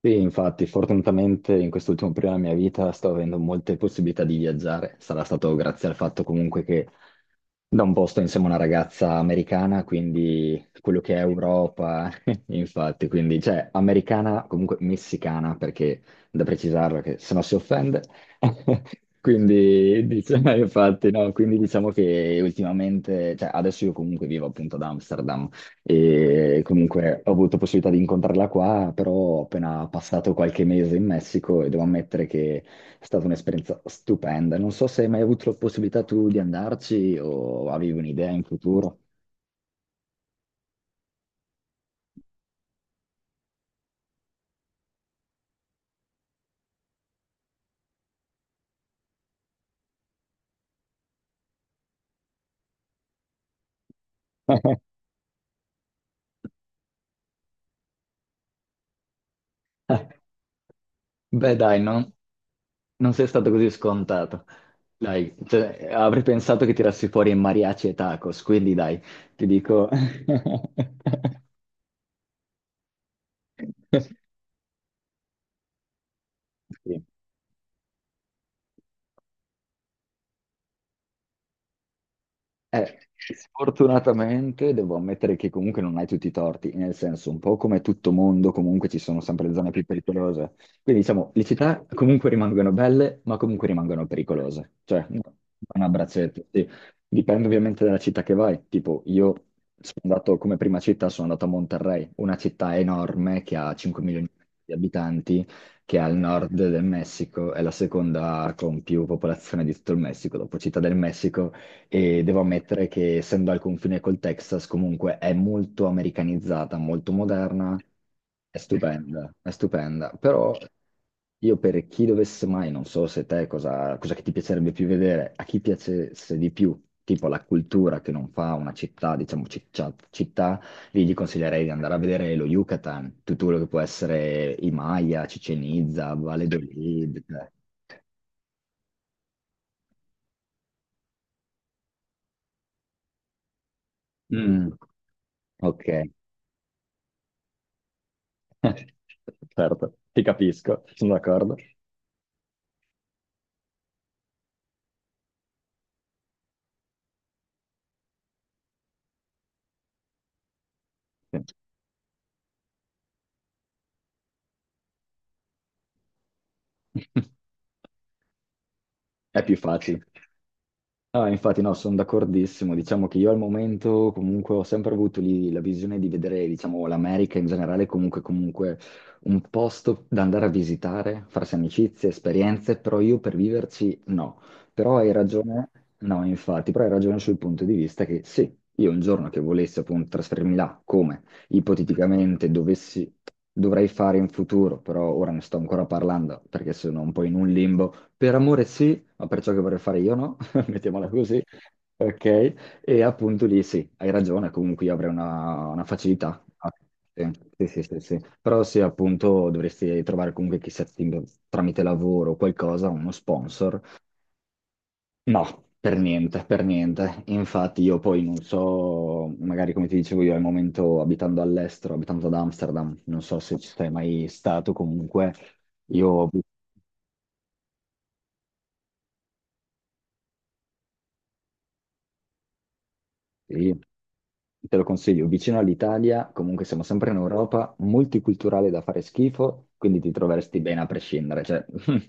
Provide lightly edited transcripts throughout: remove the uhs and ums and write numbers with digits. Sì, infatti, fortunatamente in quest'ultimo periodo della mia vita sto avendo molte possibilità di viaggiare. Sarà stato grazie al fatto comunque che da un po' sto insieme a una ragazza americana, quindi quello che è Europa, infatti, quindi cioè americana, comunque messicana, perché da precisarlo che se no si offende. Quindi diciamo, infatti, no, quindi diciamo che ultimamente, cioè adesso io comunque vivo appunto ad Amsterdam e comunque ho avuto possibilità di incontrarla qua, però ho appena passato qualche mese in Messico e devo ammettere che è stata un'esperienza stupenda. Non so se hai mai avuto la possibilità tu di andarci o avevi un'idea in futuro. Beh, dai, non sei stato così scontato. Dai, cioè, avrei pensato che tirassi fuori mariachi e tacos, quindi dai, ti dico. Sì. Eh, sfortunatamente devo ammettere che comunque non hai tutti i torti, nel senso, un po' come tutto mondo, comunque ci sono sempre le zone più pericolose. Quindi diciamo, le città comunque rimangono belle, ma comunque rimangono pericolose. Cioè, no, un abbraccetto, sì. Dipende ovviamente dalla città che vai. Tipo, io sono andato come prima città, sono andato a Monterrey, una città enorme che ha 5 milioni di abitanti, che è al nord del Messico, è la seconda con più popolazione di tutto il Messico, dopo Città del Messico e devo ammettere che essendo al confine col Texas comunque è molto americanizzata, molto moderna, è stupenda, è stupenda. Però io per chi dovesse mai, non so se te cosa, che ti piacerebbe più vedere, a chi piacesse di più, tipo la cultura che non fa una città, diciamo città, lì gli consiglierei di andare a vedere lo Yucatan, tutto quello che può essere i Maya, Cicenizza, Valladolid. Mm, ok. Certo, ti capisco, sono d'accordo. È più facile. No, infatti no, sono d'accordissimo. Diciamo che io al momento comunque ho sempre avuto lì la visione di vedere, diciamo, l'America in generale comunque un posto da andare a visitare, farsi amicizie, esperienze, però io per viverci no. Però hai ragione, no, infatti, però hai ragione sul punto di vista che sì, io un giorno che volessi appunto trasferirmi là, come ipoteticamente dovessi, dovrei fare in futuro, però ora ne sto ancora parlando perché sono un po' in un limbo. Per amore sì, ma per ciò che vorrei fare io no. Mettiamola così, ok? E appunto lì sì, hai ragione, comunque io avrei una facilità. Ah, sì, sì, sì, sì, sì. Però sì, appunto dovresti trovare comunque chissà tramite lavoro o qualcosa, uno sponsor. No, per niente, per niente. Infatti io poi non so, magari come ti dicevo io al momento abitando all'estero, abitando ad Amsterdam, non so se ci sei mai stato comunque, io. Sì, te lo consiglio, vicino all'Italia, comunque siamo sempre in Europa, multiculturale da fare schifo, quindi ti troveresti bene a prescindere, cioè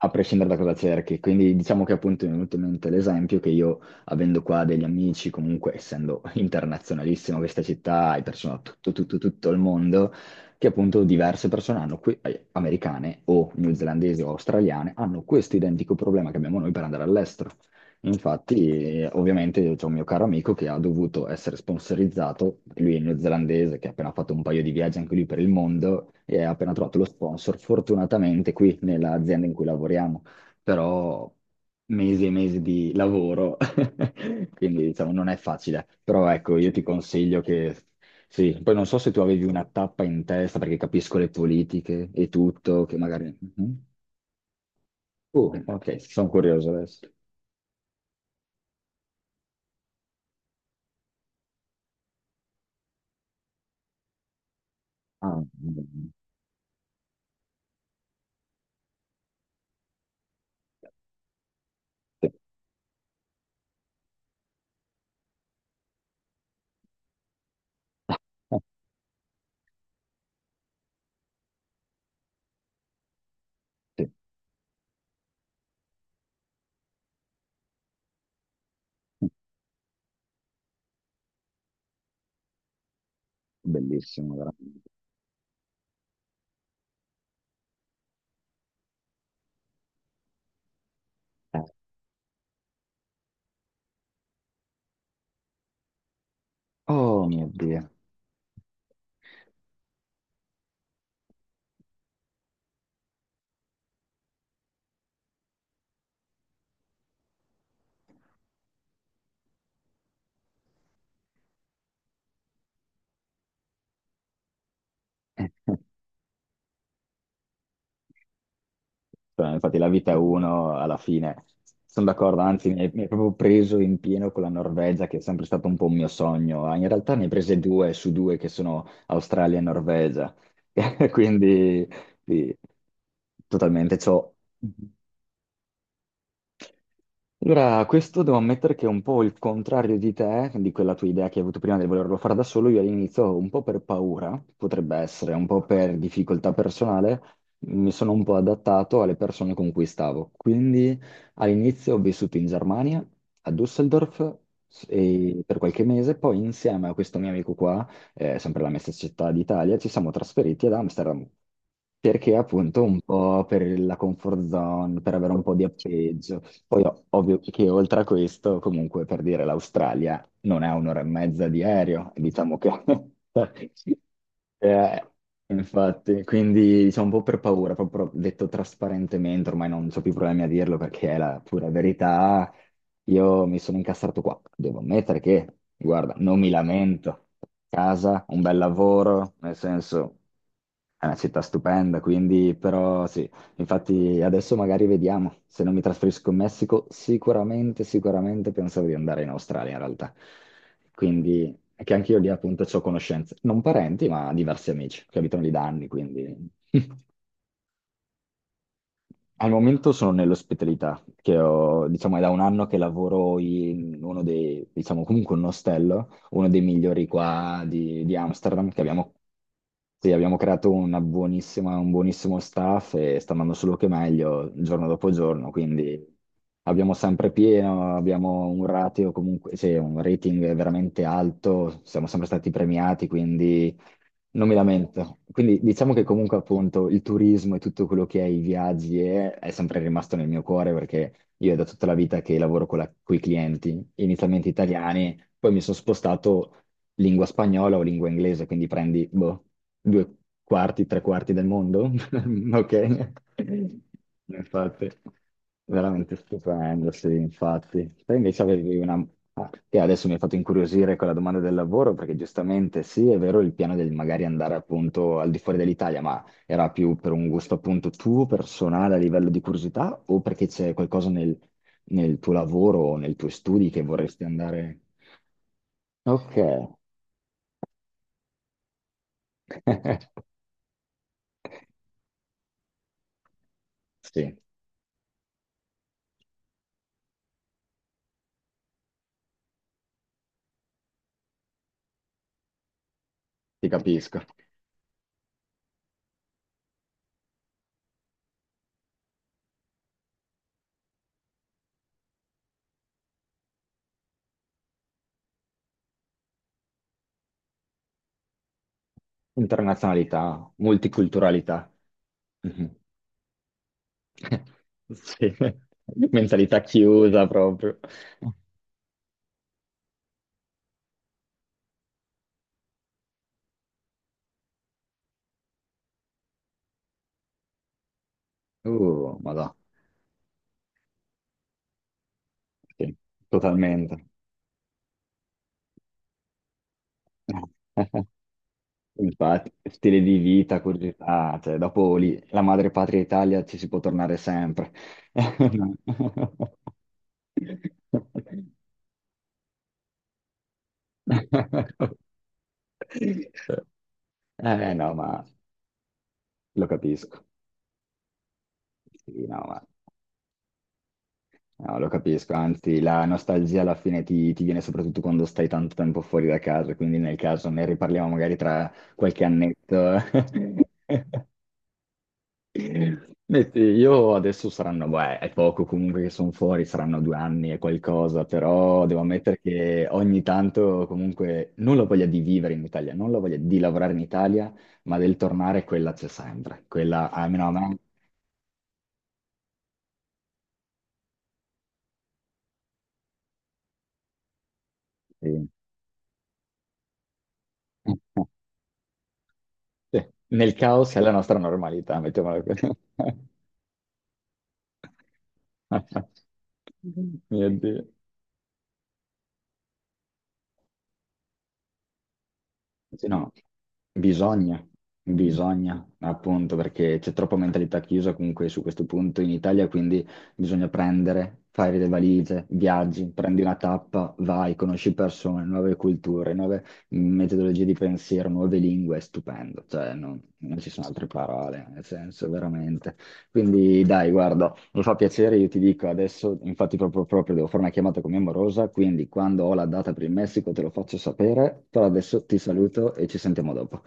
a prescindere da cosa cerchi. Quindi diciamo che appunto mi è venuto in mente l'esempio che io, avendo qua degli amici, comunque essendo internazionalissimo questa città, hai persone da tutto, tutto, tutto il mondo, che appunto diverse persone hanno, qui, americane o newzelandesi o australiane, hanno questo identico problema che abbiamo noi per andare all'estero. Infatti, ovviamente, c'è un mio caro amico che ha dovuto essere sponsorizzato, lui è neozelandese, che ha appena fatto un paio di viaggi anche lui per il mondo e ha appena trovato lo sponsor, fortunatamente qui nell'azienda in cui lavoriamo, però mesi e mesi di lavoro, quindi diciamo non è facile, però ecco, io ti consiglio che sì, poi non so se tu avevi una tappa in testa perché capisco le politiche e tutto, che magari. Mm? Oh, ok, sono curioso adesso. Ah, mm. Sì. Eh, sì, bellissimo, veramente. Eh, Oh mio Dio. Cioè, infatti la vita è uno alla fine. Sono d'accordo, anzi mi hai proprio preso in pieno con la Norvegia, che è sempre stato un po' un mio sogno. In realtà ne hai prese due su due che sono Australia e Norvegia. Quindi sì, totalmente ciò. Allora, questo devo ammettere che è un po' il contrario di te, di quella tua idea che hai avuto prima di volerlo fare da solo. Io all'inizio, un po' per paura, potrebbe essere, un po' per difficoltà personale, mi sono un po' adattato alle persone con cui stavo. Quindi all'inizio ho vissuto in Germania, a Düsseldorf, e per qualche mese, poi insieme a questo mio amico qua, sempre la mia stessa città d'Italia, ci siamo trasferiti ad Amsterdam. Perché appunto un po' per la comfort zone, per avere un po' di appeggio. Poi ovvio che oltre a questo, comunque per dire l'Australia non è un'ora e mezza di aereo, diciamo che. Eh, infatti, quindi diciamo un po' per paura, proprio detto trasparentemente, ormai non ho più problemi a dirlo perché è la pura verità, io mi sono incastrato qua, devo ammettere che, guarda, non mi lamento, casa, un bel lavoro, nel senso. È una città stupenda, quindi però sì, infatti adesso magari vediamo, se non mi trasferisco in Messico, sicuramente, sicuramente pensavo di andare in Australia in realtà. Quindi, che anche io lì appunto ho conoscenze, non parenti, ma diversi amici che abitano lì da anni, quindi al momento sono nell'ospitalità, che ho, diciamo, è da un anno che lavoro in uno dei, diciamo, comunque un ostello, uno dei migliori qua di, Amsterdam, che abbiamo, sì, abbiamo creato una buonissima, un buonissimo staff e sta andando solo che meglio giorno dopo giorno, quindi abbiamo sempre pieno, abbiamo un ratio comunque, cioè un rating veramente alto, siamo sempre stati premiati, quindi non mi lamento. Quindi diciamo che comunque appunto il turismo e tutto quello che è i viaggi è sempre rimasto nel mio cuore perché io è da tutta la vita che lavoro con i clienti, inizialmente italiani, poi mi sono spostato lingua spagnola o lingua inglese, quindi prendi, boh, due quarti, tre quarti del mondo. Ok. Infatti, veramente stupendo, sì, infatti. Te invece avevi una. Ah, che adesso mi hai fatto incuriosire con la domanda del lavoro, perché giustamente sì, è vero il piano del magari andare appunto al di fuori dell'Italia, ma era più per un gusto appunto tuo, personale, a livello di curiosità, o perché c'è qualcosa nel tuo lavoro o nei tuoi studi che vorresti andare. Ok. Sì, ti capisco. Internazionalità, multiculturalità. Mhm. Sì, mentalità chiusa proprio. Madò, sì, totalmente. Infatti, stile di vita, curiosità, cioè, dopo lì, la madre patria Italia ci si può tornare sempre. Eh no, ma lo capisco. Sì, no, ma no, lo capisco, anzi la nostalgia alla fine ti viene soprattutto quando stai tanto tempo fuori da casa, quindi nel caso ne riparliamo magari tra qualche annetto. Beh, sì, io adesso saranno, beh, è poco comunque che sono fuori, saranno 2 anni e qualcosa, però devo ammettere che ogni tanto comunque non la voglia di vivere in Italia, non la voglia di lavorare in Italia, ma del tornare quella c'è sempre, quella almeno a me. Sì. Sì, nel caos è la nostra normalità, mettiamola così. Mio Dio. Sì, no, bisogna, bisogna, appunto, perché c'è troppa mentalità chiusa comunque su questo punto in Italia, quindi bisogna prendere, fare le valigie, viaggi, prendi una tappa, vai, conosci persone, nuove culture, nuove metodologie di pensiero, nuove lingue, è stupendo, cioè non ci sono altre parole, nel senso, veramente. Quindi dai, guarda. Mi fa piacere, io ti dico adesso, infatti proprio devo fare una chiamata con mia morosa, quindi quando ho la data per il Messico te lo faccio sapere, però adesso ti saluto e ci sentiamo dopo.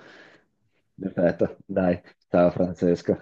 Perfetto, dai, ciao Francesco.